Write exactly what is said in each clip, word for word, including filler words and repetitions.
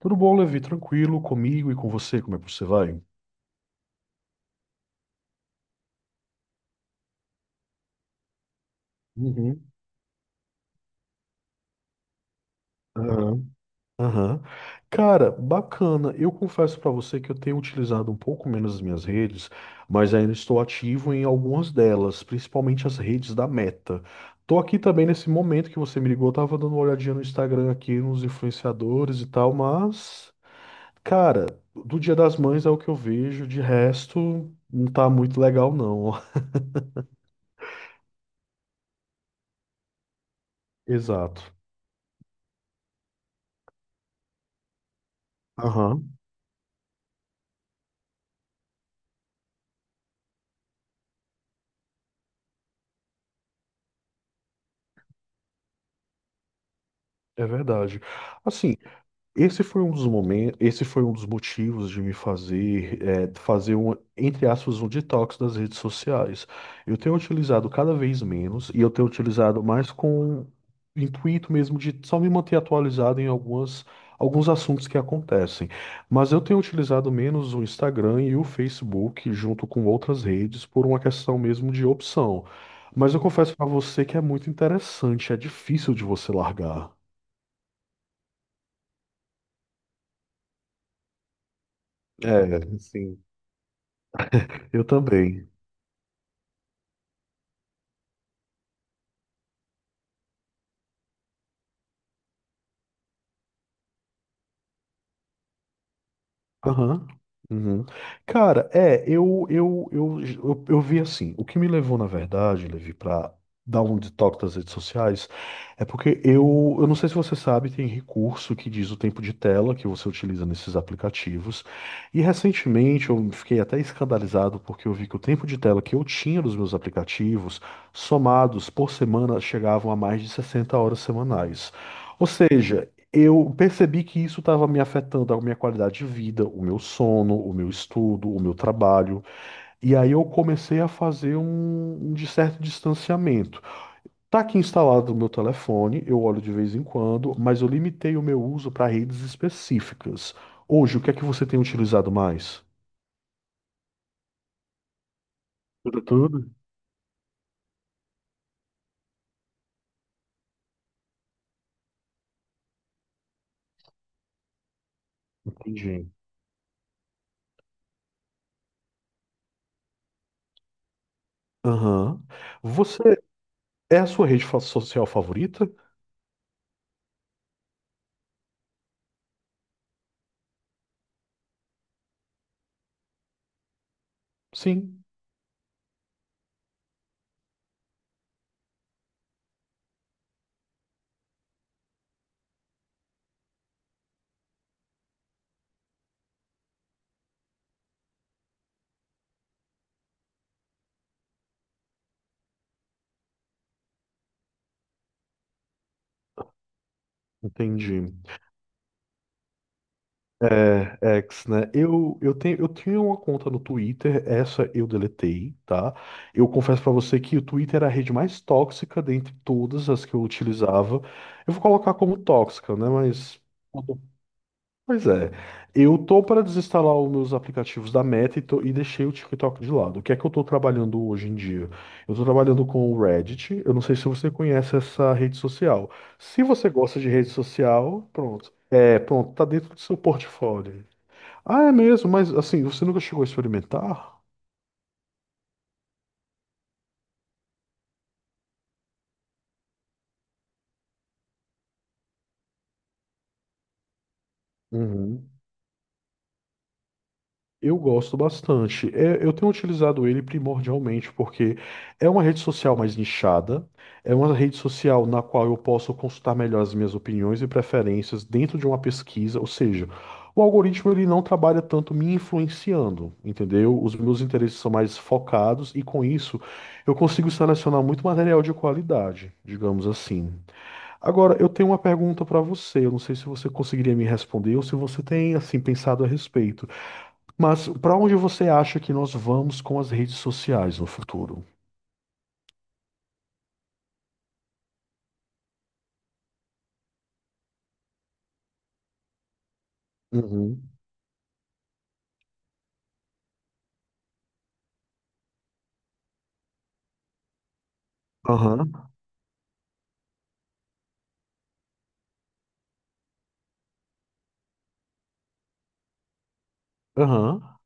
Tudo bom, Levi? Tranquilo comigo e com você? Como é que você vai? Uhum. Aham. Aham. Cara, bacana. Eu confesso pra você que eu tenho utilizado um pouco menos as minhas redes, mas ainda estou ativo em algumas delas, principalmente as redes da Meta. Tô aqui também nesse momento que você me ligou, eu tava dando uma olhadinha no Instagram aqui, nos influenciadores e tal, mas, cara, do Dia das Mães é o que eu vejo, de resto, não tá muito legal, não. Exato. Aham. É verdade. Assim, esse foi um dos momentos, esse foi um dos motivos de me fazer, eh, fazer um, entre aspas, um detox das redes sociais. Eu tenho utilizado cada vez menos e eu tenho utilizado mais com o intuito mesmo de só me manter atualizado em algumas, alguns assuntos que acontecem. Mas eu tenho utilizado menos o Instagram e o Facebook junto com outras redes por uma questão mesmo de opção. Mas eu confesso para você que é muito interessante, é difícil de você largar. É, sim. Eu também. Aham. Uhum. Cara, é, eu, eu, eu, eu, eu vi assim, o que me levou, na verdade, Levi, pra dar um detox das redes sociais, é porque eu, eu não sei se você sabe, tem recurso que diz o tempo de tela que você utiliza nesses aplicativos, e recentemente eu fiquei até escandalizado porque eu vi que o tempo de tela que eu tinha nos meus aplicativos, somados por semana, chegavam a mais de sessenta horas semanais. Ou seja, eu percebi que isso estava me afetando a minha qualidade de vida, o meu sono, o meu estudo, o meu trabalho. E aí eu comecei a fazer um, um de certo distanciamento. Tá aqui instalado no meu telefone, eu olho de vez em quando, mas eu limitei o meu uso para redes específicas. Hoje, o que é que você tem utilizado mais? Tudo, tudo. Entendi. Aham. Você é a sua rede fa- social favorita? Sim. Entendi. É, é, X, né? Eu, eu tenho, eu tinha uma conta no Twitter, essa eu deletei, tá? Eu confesso pra você que o Twitter era a rede mais tóxica dentre todas as que eu utilizava. Eu vou colocar como tóxica, né? Mas. Pois é. Eu tô para desinstalar os meus aplicativos da Meta e, tô- e deixei o TikTok de lado. O que é que eu tô trabalhando hoje em dia? Eu tô trabalhando com o Reddit. Eu não sei se você conhece essa rede social. Se você gosta de rede social, pronto. É, pronto, tá dentro do seu portfólio. Ah, é mesmo, mas assim, você nunca chegou a experimentar? Uhum. Eu gosto bastante. É, eu tenho utilizado ele primordialmente porque é uma rede social mais nichada, é uma rede social na qual eu posso consultar melhor as minhas opiniões e preferências dentro de uma pesquisa, ou seja, o algoritmo ele não trabalha tanto me influenciando, entendeu? Os meus interesses são mais focados e com isso eu consigo selecionar muito material de qualidade, digamos assim. Agora, eu tenho uma pergunta para você. Eu não sei se você conseguiria me responder ou se você tem assim pensado a respeito. Mas para onde você acha que nós vamos com as redes sociais no futuro? Uhum. Aham. Aham.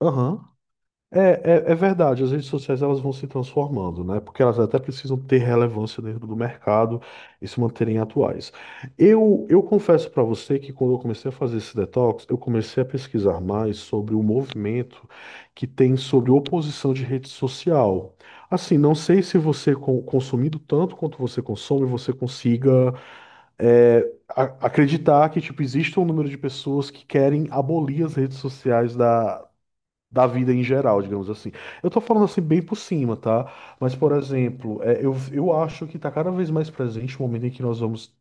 Aham. É, é, é verdade, as redes sociais elas vão se transformando, né? Porque elas até precisam ter relevância dentro do mercado e se manterem atuais. Eu, eu confesso para você que quando eu comecei a fazer esse detox, eu comecei a pesquisar mais sobre o movimento que tem sobre oposição de rede social. Assim, não sei se você, con- consumindo tanto quanto você consome, você consiga é, a- acreditar que tipo, existe um número de pessoas que querem abolir as redes sociais da vida em geral, digamos assim. Eu tô falando assim bem por cima, tá? Mas, por exemplo, é, eu, eu acho que tá cada vez mais presente o momento em que nós vamos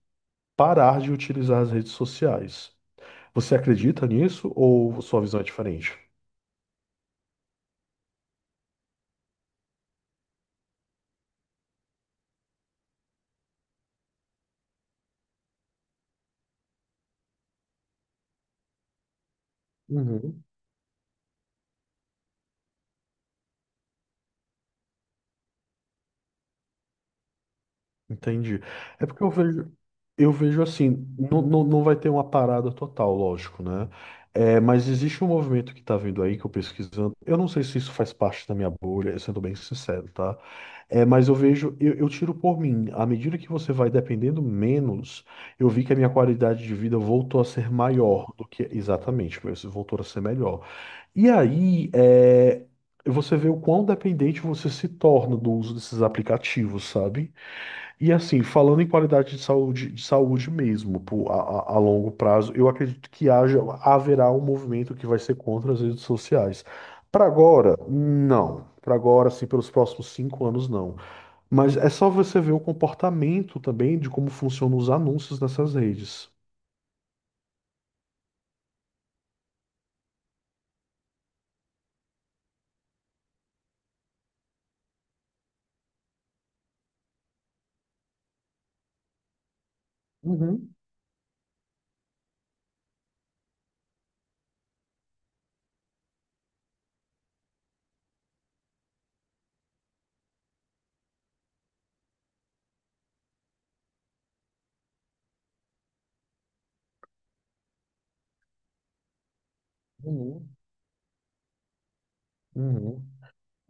parar de utilizar as redes sociais. Você acredita nisso ou sua visão é diferente? Uhum. Entendi. É porque eu vejo, eu vejo assim, não, não, não vai ter uma parada total, lógico, né? É, mas existe um movimento que tá vindo aí, que eu pesquisando. Eu não sei se isso faz parte da minha bolha, sendo bem sincero, tá? É, mas eu vejo, eu, eu tiro por mim. À medida que você vai dependendo menos, eu vi que a minha qualidade de vida voltou a ser maior do que exatamente, mas voltou a ser melhor. E aí, é, você vê o quão dependente você se torna do uso desses aplicativos, sabe? E assim, falando em qualidade de saúde, de saúde mesmo, pô, a, a- a longo prazo, eu acredito que haja, haverá um movimento que vai ser contra as redes sociais. Para agora, não. Para agora, assim, pelos próximos cinco anos, não. Mas é só você ver o comportamento também de como funcionam os anúncios nessas redes. Uhum, uhum, uhum.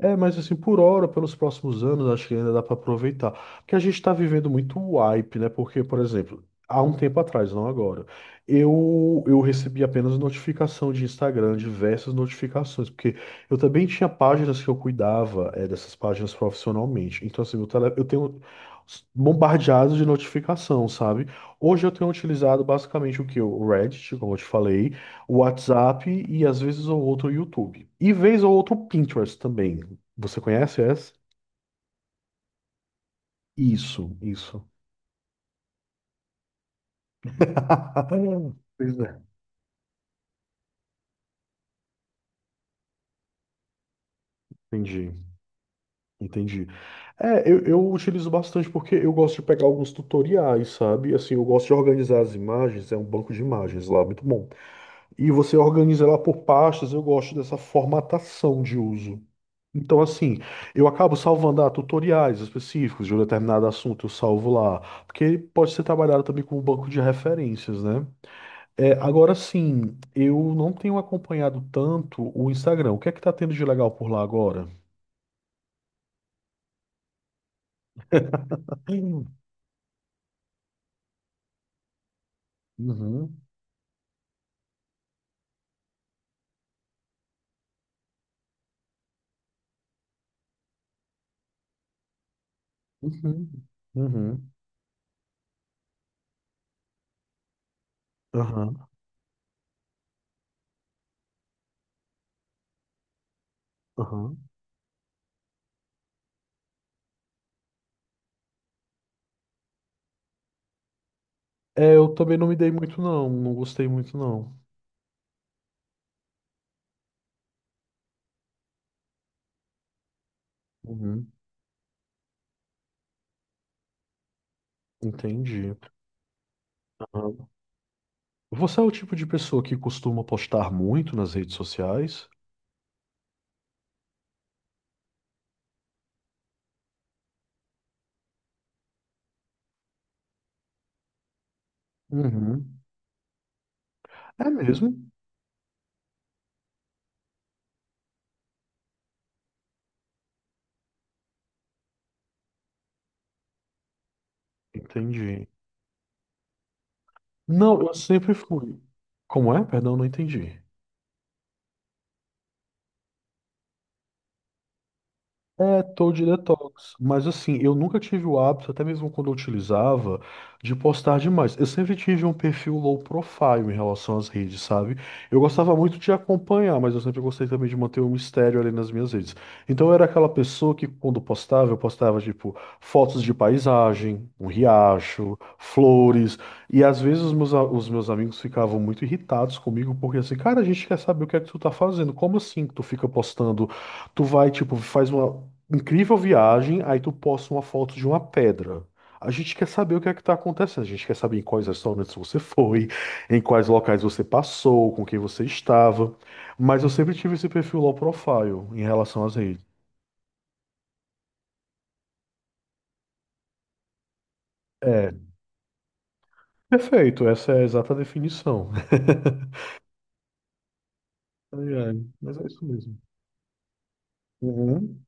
É, mas assim, por hora, pelos próximos anos, acho que ainda dá para aproveitar. Porque a gente está vivendo muito hype, né? Porque, por exemplo, há um tempo atrás, não agora, eu, eu recebi apenas notificação de Instagram, diversas notificações, porque eu também tinha páginas que eu cuidava, é, dessas páginas profissionalmente. Então, assim, meu tele, eu tenho bombardeado de notificação, sabe? Hoje eu tenho utilizado basicamente o que? O Reddit, como eu te falei, o WhatsApp e às vezes ou outro YouTube. E vez ou outro Pinterest também. Você conhece essa? Isso. Isso. Pois é. Entendi, entendi. É, eu, eu utilizo bastante porque eu gosto de pegar alguns tutoriais, sabe? Assim, eu gosto de organizar as imagens, é um banco de imagens lá, muito bom. E você organiza ela por pastas, eu gosto dessa formatação de uso. Então, assim, eu acabo salvando ah, tutoriais específicos de um determinado assunto, eu salvo lá. Porque pode ser trabalhado também como banco de referências, né? É, agora sim, eu não tenho acompanhado tanto o Instagram. O que é que tá tendo de legal por lá agora? Uhum, uhum, uhum, uhum, aham, aham. É, eu também não me dei muito não, não gostei muito não. Uhum, entendi. Aham. Você é o tipo de pessoa que costuma postar muito nas redes sociais? Uhum. É mesmo? Entendi. Não, eu sempre fui. Como é? Perdão, não entendi. É, tô de detox, mas assim, eu nunca tive o hábito, até mesmo quando eu utilizava, de postar demais. Eu sempre tive um perfil low profile em relação às redes, sabe? Eu gostava muito de acompanhar, mas eu sempre gostei também de manter um mistério ali nas minhas redes. Então eu era aquela pessoa que quando postava, eu postava tipo fotos de paisagem, um riacho, flores, e às vezes os meus, a- os meus amigos ficavam muito irritados comigo, porque assim, cara, a gente quer saber o que é que tu tá fazendo, como assim que tu fica postando. Tu vai, tipo, faz uma. Incrível viagem, aí tu posta uma foto de uma pedra. A gente quer saber o que é que tá acontecendo. A gente quer saber em quais restaurantes você foi, em quais locais você passou, com quem você estava. Mas eu sempre tive esse perfil low profile em relação às redes. É, perfeito, essa é a exata definição. Ai, ai, mas é isso mesmo. Uhum.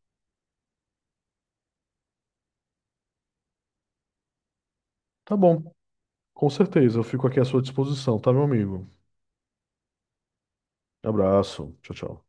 Tá bom, com certeza. Eu fico aqui à sua disposição, tá, meu amigo? Abraço. Tchau, tchau.